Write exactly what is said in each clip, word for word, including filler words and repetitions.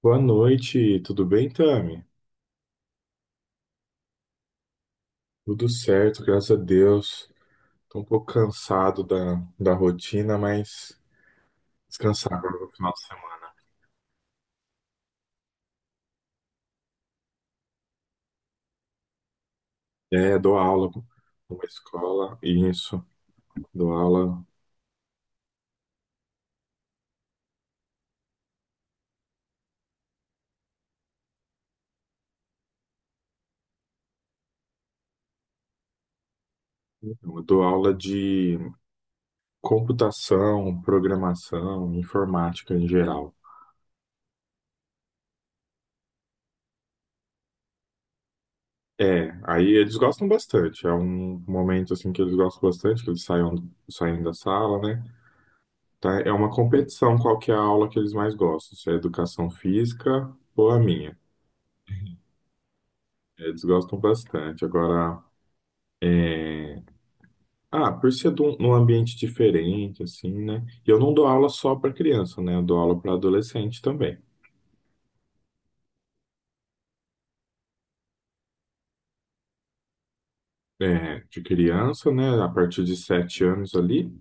Boa noite, tudo bem, Tami? Tudo certo, graças a Deus. Tô um pouco cansado da, da rotina, mas descansar agora no final de semana. É, dou aula numa escola, isso, dou aula, eu dou aula de computação, programação, informática em geral. É, aí eles gostam bastante, é um momento assim que eles gostam bastante, que eles saiam, saem da sala, né? Tá? É uma competição qual que é a aula que eles mais gostam, se é educação física ou a minha. Eles gostam bastante. Agora, ah, por ser de um- num ambiente diferente, assim, né? E eu não dou aula só para criança, né? Eu dou aula para adolescente também. É, de criança, né? A partir de sete anos ali,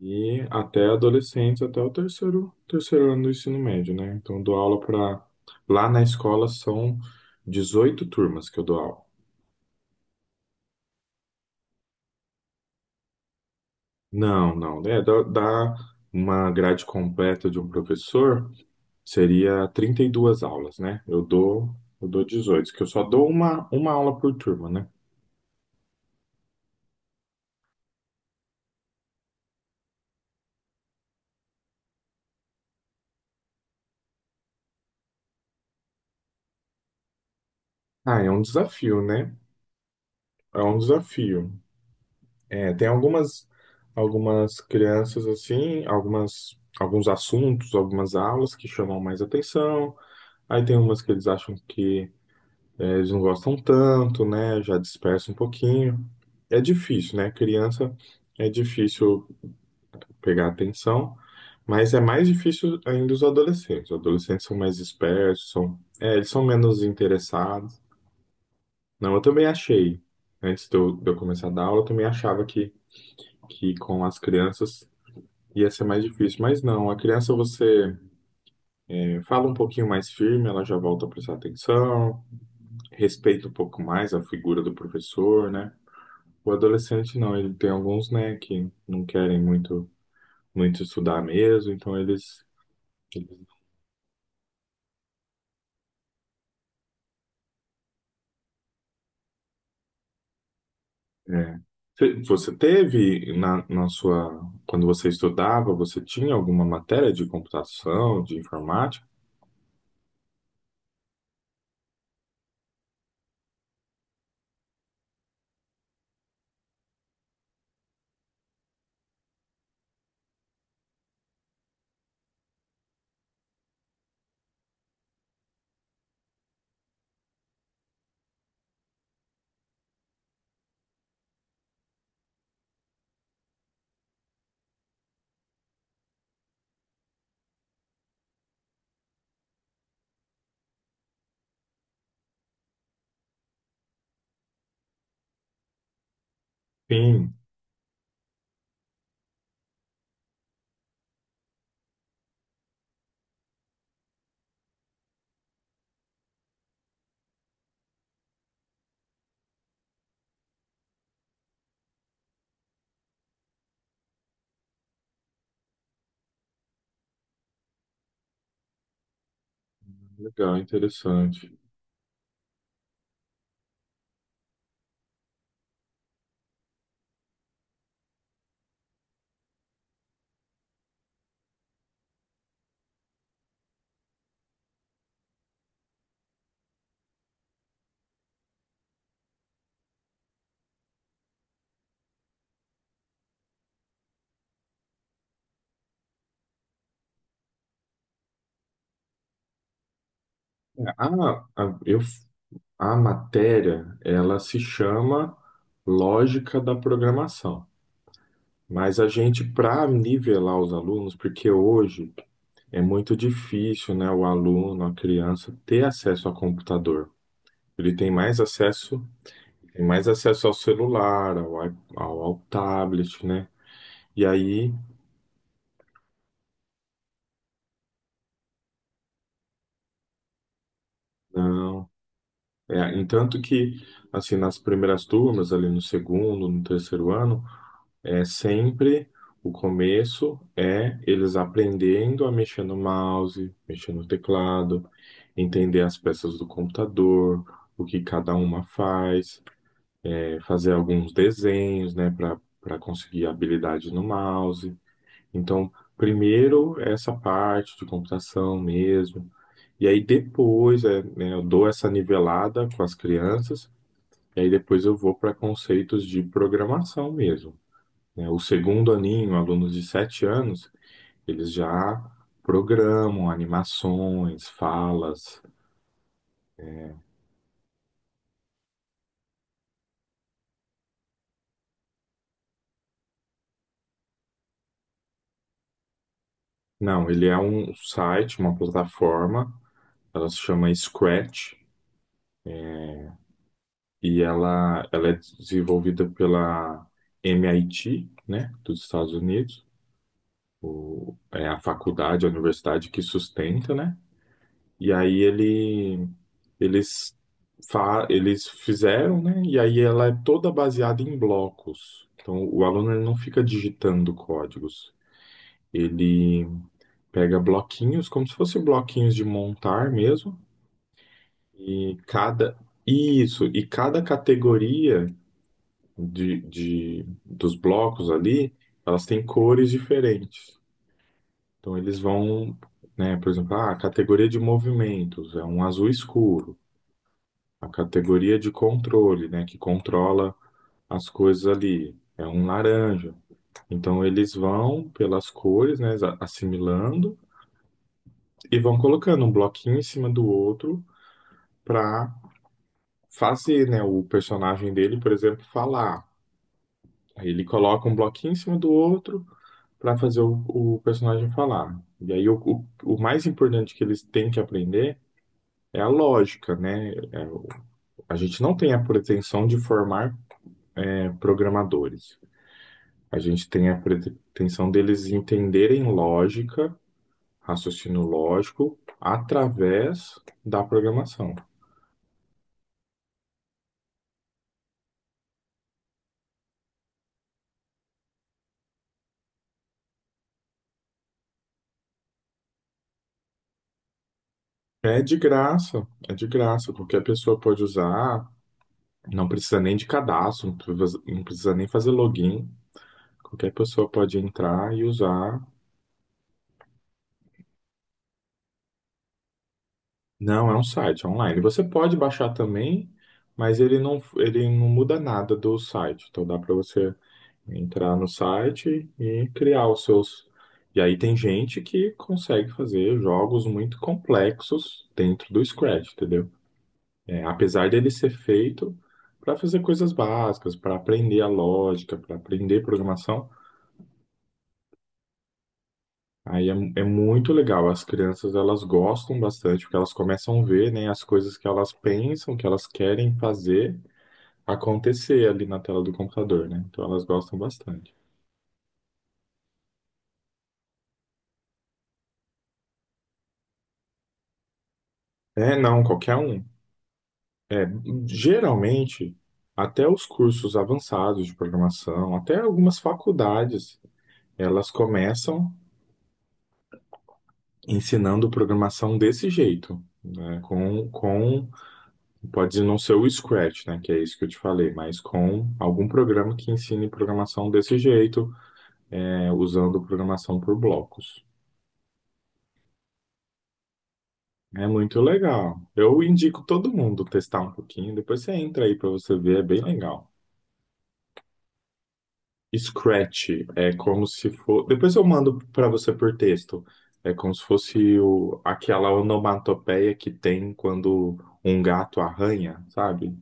e até adolescentes, até o terceiro, terceiro ano do ensino médio, né? Então, eu dou aula para. Lá na escola são dezoito turmas que eu dou aula. Não, não. É, dá, dá uma grade completa de um professor seria trinta e duas aulas, né? Eu dou, eu dou dezoito, que eu só dou uma, uma aula por turma, né? Ah, é um desafio, né? É um desafio. É, tem algumas, algumas crianças assim, algumas, alguns assuntos, algumas aulas que chamam mais atenção. Aí tem umas que eles acham que eh, eles não gostam tanto, né? Já dispersa um pouquinho. É difícil, né? Criança é difícil pegar atenção, mas é mais difícil ainda os adolescentes. Os adolescentes são mais dispersos, são, é, eles são menos interessados. Não, eu também achei, antes de eu, de eu, começar a dar aula, eu também achava que, que com as crianças ia ser mais difícil, mas não, a criança você eh, fala um pouquinho mais firme, ela já volta a prestar atenção, respeita um pouco mais a figura do professor, né? O adolescente não, ele tem alguns, né, que não querem muito, muito estudar mesmo, então eles. É. Você você teve na, na sua, quando você estudava, você tinha alguma matéria de computação, de informática? Sim, legal, interessante. A, a, eu, a matéria, ela se chama Lógica da Programação. Mas a gente, para nivelar os alunos, porque hoje é muito difícil, né, o aluno, a criança, ter acesso a computador. Ele tem mais acesso Tem mais acesso ao celular, ao, i- ao, ao tablet, né? E aí, não. É, entanto que, assim, nas primeiras turmas, ali no segundo, no terceiro ano, é sempre o começo é eles aprendendo a mexer no mouse, mexer no teclado, entender as peças do computador, o que cada uma faz, é, fazer alguns desenhos, né, para para conseguir habilidade no mouse. Então, primeiro essa parte de computação mesmo, e aí depois é, né, eu dou essa nivelada com as crianças, e aí depois eu vou para conceitos de programação mesmo. Né? O segundo aninho, alunos de sete anos, eles já programam animações, falas. Não, ele é um site, uma plataforma, ela se chama Scratch, e ela, ela é desenvolvida pela M I T, né, dos Estados Unidos. O- é a faculdade, a universidade que sustenta, né? E aí ele, eles, fa, eles fizeram, né? E aí ela é toda baseada em blocos. Então o aluno ele não fica digitando códigos. Ele pega bloquinhos, como se fossem bloquinhos de montar mesmo, e cada isso, e cada categoria de, de, dos blocos ali, elas têm cores diferentes. Então eles vão, né, por exemplo, ah, a categoria de movimentos é um azul escuro, a categoria de controle, né, que controla as coisas ali, é um laranja. Então eles vão pelas cores, né, a- assimilando e vão colocando um bloquinho em cima do outro para fazer, né, o personagem dele, por exemplo, falar. Aí ele coloca um bloquinho em cima do outro para fazer o, o personagem falar. E aí o, o o mais importante que eles têm que aprender é a lógica, né? É o- a gente não tem a pretensão de formar, é, programadores. A gente tem a pretensão deles entenderem lógica, raciocínio lógico, através da programação. É de graça, é de graça. Qualquer pessoa pode usar, não precisa nem de cadastro, não precisa não precisa nem fazer login. Qualquer pessoa pode entrar e usar. Não, é um site online. Você pode baixar também, mas ele não, ele não muda nada do site. Então dá para você entrar no site e criar os seus. E aí tem gente que consegue fazer jogos muito complexos dentro do Scratch, entendeu? É, apesar dele ser feito para fazer coisas básicas, para aprender a lógica, para aprender programação. Aí é, é muito legal. As crianças elas gostam bastante porque elas começam a ver, né, as coisas que elas pensam, que elas querem fazer acontecer ali na tela do computador, né? Então elas gostam bastante. É, não, qualquer um. É, geralmente até os cursos avançados de programação, até algumas faculdades, elas começam ensinando programação desse jeito, né? Com, com Pode não ser o Scratch, né, que é isso que eu te falei, mas com algum programa que ensine programação desse jeito, né, usando programação por blocos. É muito legal. Eu indico todo mundo testar um pouquinho, depois você entra aí para você ver, é bem legal. Scratch é como se for, depois eu mando para você por texto. É como se fosse o... aquela onomatopeia que tem quando um gato arranha, sabe?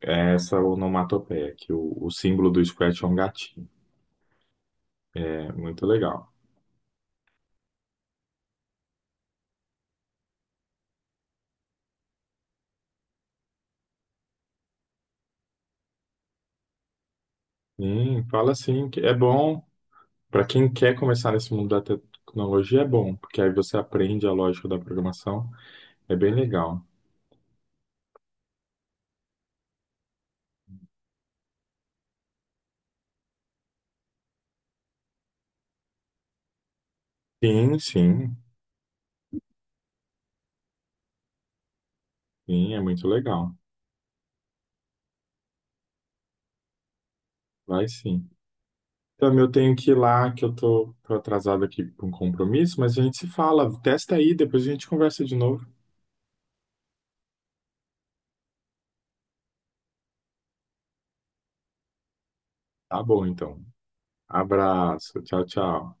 É essa onomatopeia, que o, o símbolo do Scratch é um gatinho. É muito legal. Sim, fala assim que é bom para quem quer começar nesse mundo da tecnologia, é bom, porque aí você aprende a lógica da programação, é bem legal. Sim, sim, sim, é muito legal. Vai sim. Então eu tenho que ir lá, que eu tô, tô atrasado aqui para um compromisso, mas a gente se fala. Testa aí, depois a gente conversa de novo. Tá bom, então. Abraço, tchau, tchau.